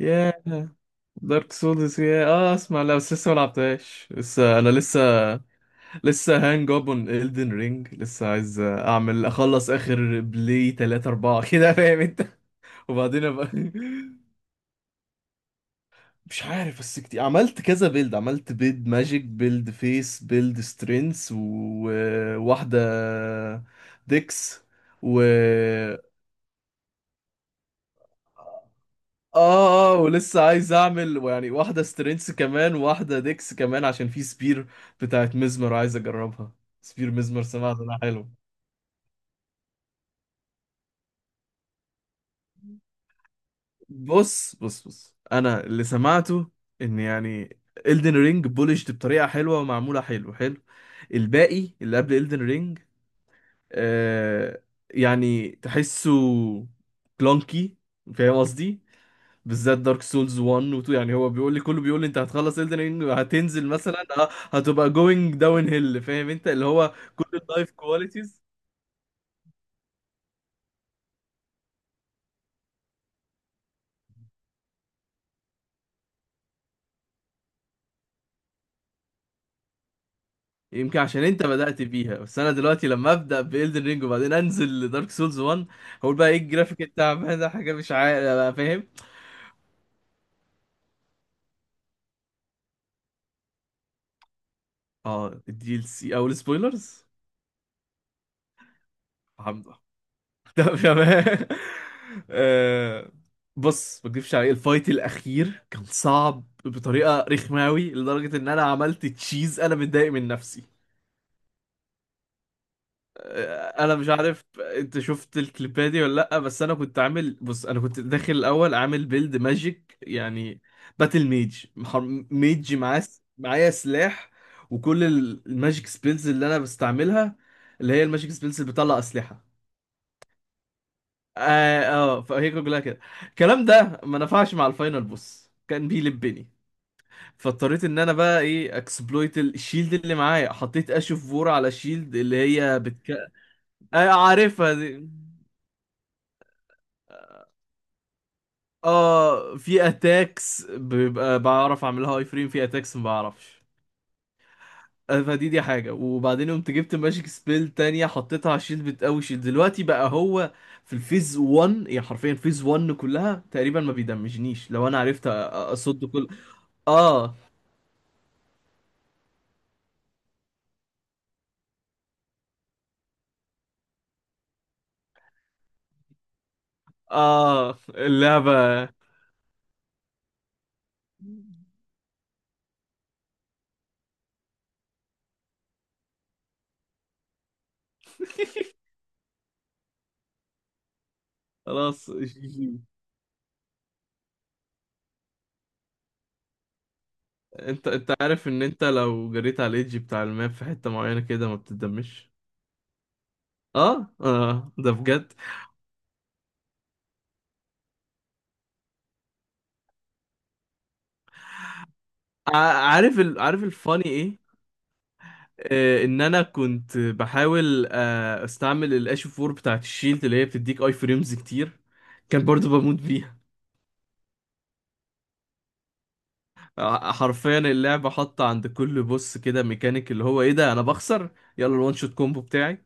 ياه. دارك سولز، يا اسمع، لا بس لسه ما لعبتهاش لسه، انا لسه هانج اب اون Elden رينج. لسه عايز اعمل اخلص اخر بلاي 3 4 كده، فاهم انت؟ وبعدين ابقى مش عارف، بس كتير. عملت كذا بيلد، عملت بيلد ماجيك، بيلد فيس، بيلد سترينث، وواحدة ديكس و... اه اه، ولسه عايز اعمل يعني واحدة سترينس كمان، واحدة ديكس كمان، عشان في سبير بتاعت مزمر عايز اجربها. سبير مزمر، سمعت انها حلو. بص، انا اللي سمعته ان يعني Elden رينج بولشت بطريقة حلوة ومعمولة حلو حلو. الباقي اللي قبل Elden رينج، آه، يعني تحسه كلونكي، فاهم قصدي؟ بالذات دارك سولز 1 و 2. يعني هو بيقول لي، كله بيقول لي انت هتخلص Elden Ring هتنزل مثلا هتبقى going down hill، فاهم انت؟ اللي هو كل اللايف كواليتيز. يمكن عشان انت بدأت بيها، بس انا دلوقتي لما ابدأ ب Elden Ring وبعدين انزل لدارك سولز 1 هقول بقى ايه الجرافيك التعبان ده، حاجة مش عارف بقى، فاهم؟ اه، الدي ال سي او السبويلرز؟ طب تمام. آه، بص ما اكدبش عليك، الفايت الاخير كان صعب بطريقه رخمه قوي، لدرجه ان انا عملت تشيز. انا متضايق من نفسي. آه، انا مش عارف انت شفت الكليبات دي ولا لا، بس انا كنت عامل، بص انا كنت داخل الاول عامل بيلد ماجيك يعني، باتل ميج، ميج معاه معايا سلاح، وكل الماجيك سبيلز اللي انا بستعملها، اللي هي الماجيك سبيلز اللي بتطلع اسلحه. فهي كلها كده، الكلام ده ما نفعش مع الفاينل بوس، كان بيلبني. فاضطريت ان انا بقى ايه، اكسبلويت الشيلد اللي معايا، حطيت اشوف فور على شيلد اللي هي بتك... آه عارفها دي. اه في اتاكس بيبقى بعرف اعملها هاي فريم، في اتاكس ما بعرفش. فدي حاجة. وبعدين قمت جبت ماجيك سبيل تانية، حطيتها على الشيلد بتقوي شيلد. دلوقتي بقى هو في الفيز 1 يعني، حرفيا فيز 1 كلها تقريبا ما بيدمجنيش لو انا عرفت اصد كل. اه اه اللعبة. خلاص جي جي. انت عارف ان انت لو جريت على الايدج بتاع الماب في حتة معينة كده ما بتتدمش؟ اه ده بجد. ع- عارف ال...، عارف الفاني ايه؟ آه، ان انا كنت بحاول آه استعمل الاش 4 بتاعت الشيلد اللي هي بتديك اي فريمز كتير، كان برضو بموت بيها. حرفيا اللعبة حاطة عند كل بوس كده ميكانيك اللي هو ايه ده، انا بخسر يلا الوان شوت كومبو بتاعي.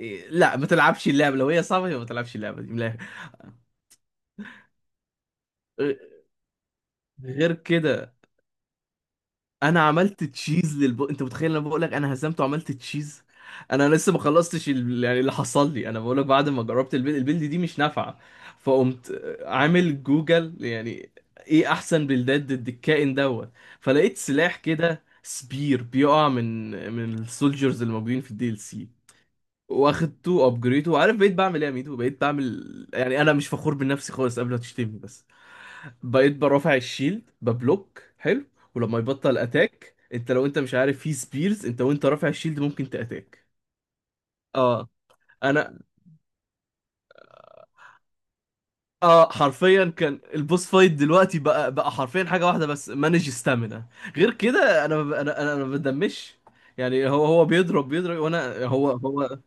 لا ما تلعبش اللعبه لو هي صعبه، يبقى ما تلعبش اللعبه دي من الآخر. آه، غير كده. انا عملت تشيز للب، انت متخيل انا بقول لك انا هزمت وعملت تشيز؟ انا لسه ما خلصتش ال...، يعني اللي حصل لي، انا بقول لك، بعد ما جربت البيلد، البيلد دي مش نافعه، فقمت عامل جوجل يعني ايه احسن بلدات ضد الكائن دوت، فلقيت سلاح كده سبير بيقع من السولجرز اللي موجودين في الدي ال سي. واخدته، ابجريته، وعارف بقيت بعمل ايه يا ميدو؟ بقيت بعمل يعني، انا مش فخور بنفسي خالص قبل ما تشتمني، بس بقيت برافع الشيلد ببلوك حلو، ولما يبطل اتاك، انت لو انت مش عارف، في سبيرز انت وانت رافع الشيلد ممكن تاتاك. اه. انا اه حرفيا كان البوس فايت دلوقتي بقى، حرفيا حاجه واحده بس، مانج ستامina. غير كده انا أنا ما بدمش. يعني هو بيضرب بيضرب، وانا هو هو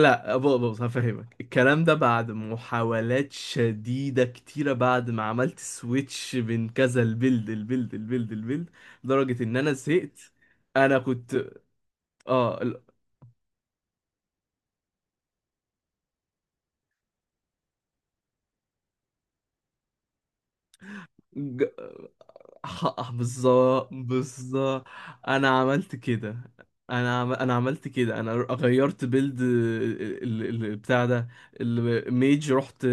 لا بص، هفهمك الكلام ده، بعد محاولات شديدة كتيرة، بعد ما عملت سويتش بين كذا البيلد البيلد، لدرجة ان انا زهقت. انا كنت اه، بالظبط بالظبط. انا عملت كده، انا عملت كده. انا غيرت بيلد بتاع ده، الميج. رحت،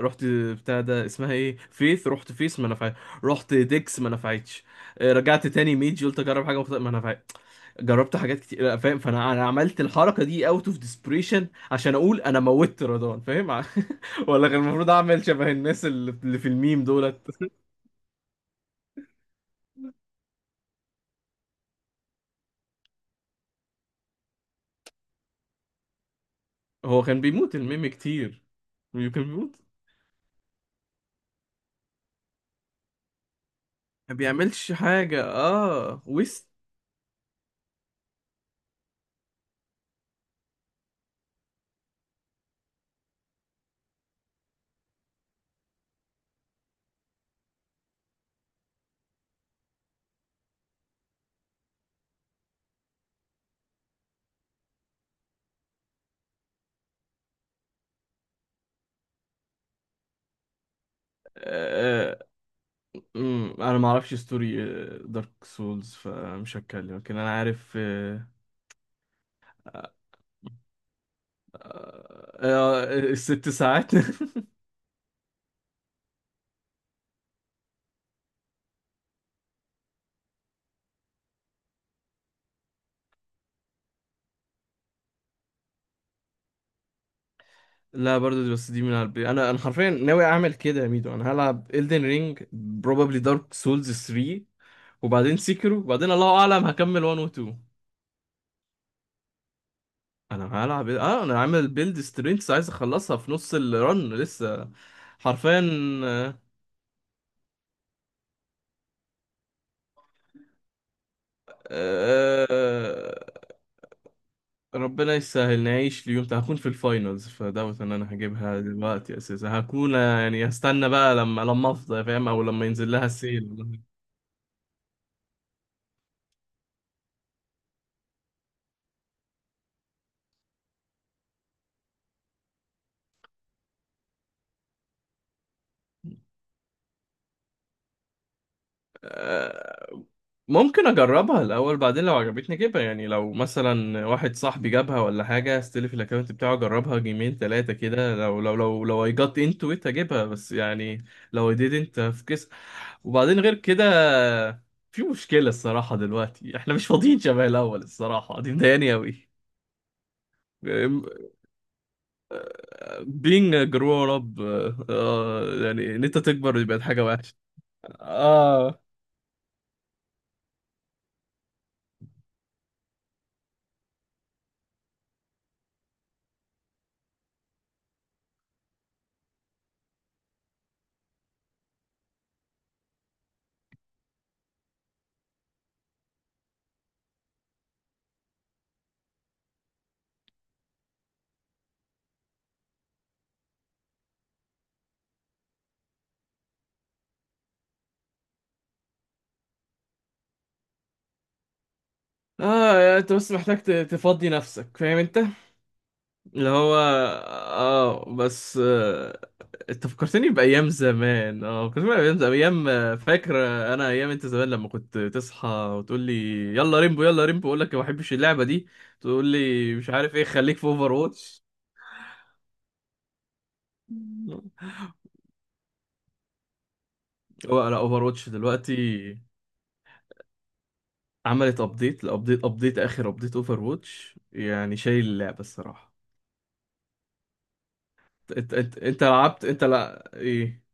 رحت بتاع ده اسمها ايه، فيث، رحت فيث ما نفعت. رحت ديكس ما نفعتش. رجعت تاني ميج، قلت اجرب حاجه مختلفه ما نفعت. جربت حاجات كتير، لا، فاهم؟ فانا انا عملت الحركه دي اوت اوف ديسبريشن، عشان اقول انا موتت رضوان، فاهم؟ ولا كان المفروض اعمل شبه الناس اللي في الميم دولت. هو كان بيموت الميمي كتير، كان بيموت، ما بيعملش حاجة، اه ويست. آه. انا ما اعرفش ستوري دارك سولز فمش هتكلم، لكن انا عارف آه. آه. الست ساعات لا برضو بس دي من قلبي، انا انا حرفيا ناوي اعمل كده يا ميدو. انا هلعب Elden Ring probably Dark Souls 3 وبعدين سيكرو، وبعدين الله اعلم هكمل 1 و 2. انا هلعب ايه؟ اه انا عامل بيلد سترينث، عايز اخلصها في نص الرن لسه. حرفيا. آه، آه، ربنا يسهل نعيش ليوم هكون في الفاينلز، فدعوة ان انا هجيبها دلوقتي اساسا. هكون يعني هستنى بقى لما افضى، فاهم؟ او لما ينزل لها السيل. ممكن اجربها الاول، بعدين لو عجبتني اجيبها. يعني لو مثلا واحد صاحبي جابها ولا حاجه، استلف الاكونت بتاعه اجربها جيمين ثلاثه كده، لو I got into it اجيبها، بس يعني لو I didn't هفكس. وبعدين غير كده، في مشكله الصراحه دلوقتي احنا مش فاضيين شبه الاول الصراحه، دي مضايقاني قوي. being a grown up. آه، يعني ان انت تكبر دي بقت حاجه وحشه. اه اه انت بس محتاج تفضي نفسك، فاهم انت؟ اللي هو اه، بس آه، انت فكرتني بايام زمان. اه فكرتني بايام زمان، ايام فاكر انا ايام انت زمان لما كنت تصحى وتقول لي يلا ريمبو، يلا ريمبو، اقول لك ما بحبش اللعبه دي، تقول لي مش عارف ايه، خليك في اوفر واتش. لا. لا اوفر واتش دلوقتي عملت ابديت، الابديت ابديت اخر ابديت اوفر واتش يعني شايل اللعبه الصراحه. انت لعبت، انت لا ايه؟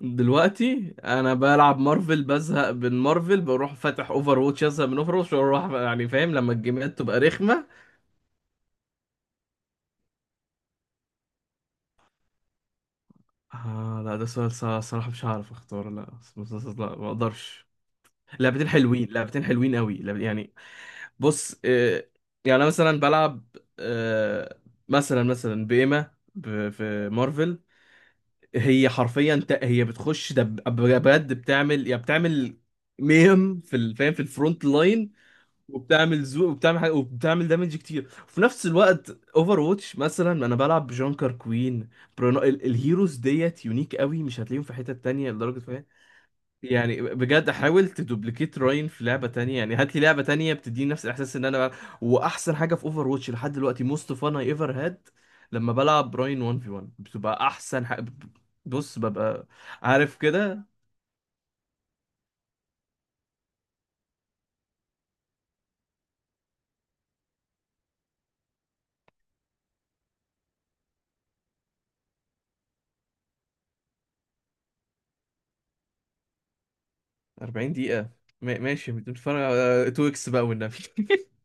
دلوقتي انا بلعب مارفل، بزهق من مارفل، بروح فاتح اوفر واتش، ازهق من اوفر واتش واروح، يعني فاهم لما الجيمات تبقى رخمه. آه لا ده سؤال صراحه مش هعرف اختار. لا لا ما اقدرش. لعبتين حلوين، لعبتين حلوين قوي، يعني. بص آه، يعني انا مثلا بلعب آه، مثلا بإيما في مارفل، هي حرفيا هي بتخش بجد بتعمل يا بتعمل ميم في فاهم، في الفرونت لاين. وبتعمل زو، وبتعمل حاجة، وبتعمل دامج كتير، وفي نفس الوقت اوفر واتش مثلا انا بلعب بجانكر كوين، برونو، الهيروز ديت يونيك قوي مش هتلاقيهم في حتة تانية لدرجة، فاهم؟ يعني بجد حاول تدوبليكيت راين في لعبة تانية، يعني هات لي لعبة تانية بتديني نفس الاحساس ان انا بلعب. واحسن حاجة في اوفر واتش لحد دلوقتي، موست فان اي ايفر هاد، لما بلعب راين 1 في 1 بتبقى احسن حاجة. بص ببقى، عارف كده. 40 دقيقة؟ ماشي، بتتفرج على 2 اكس بقى والنبي.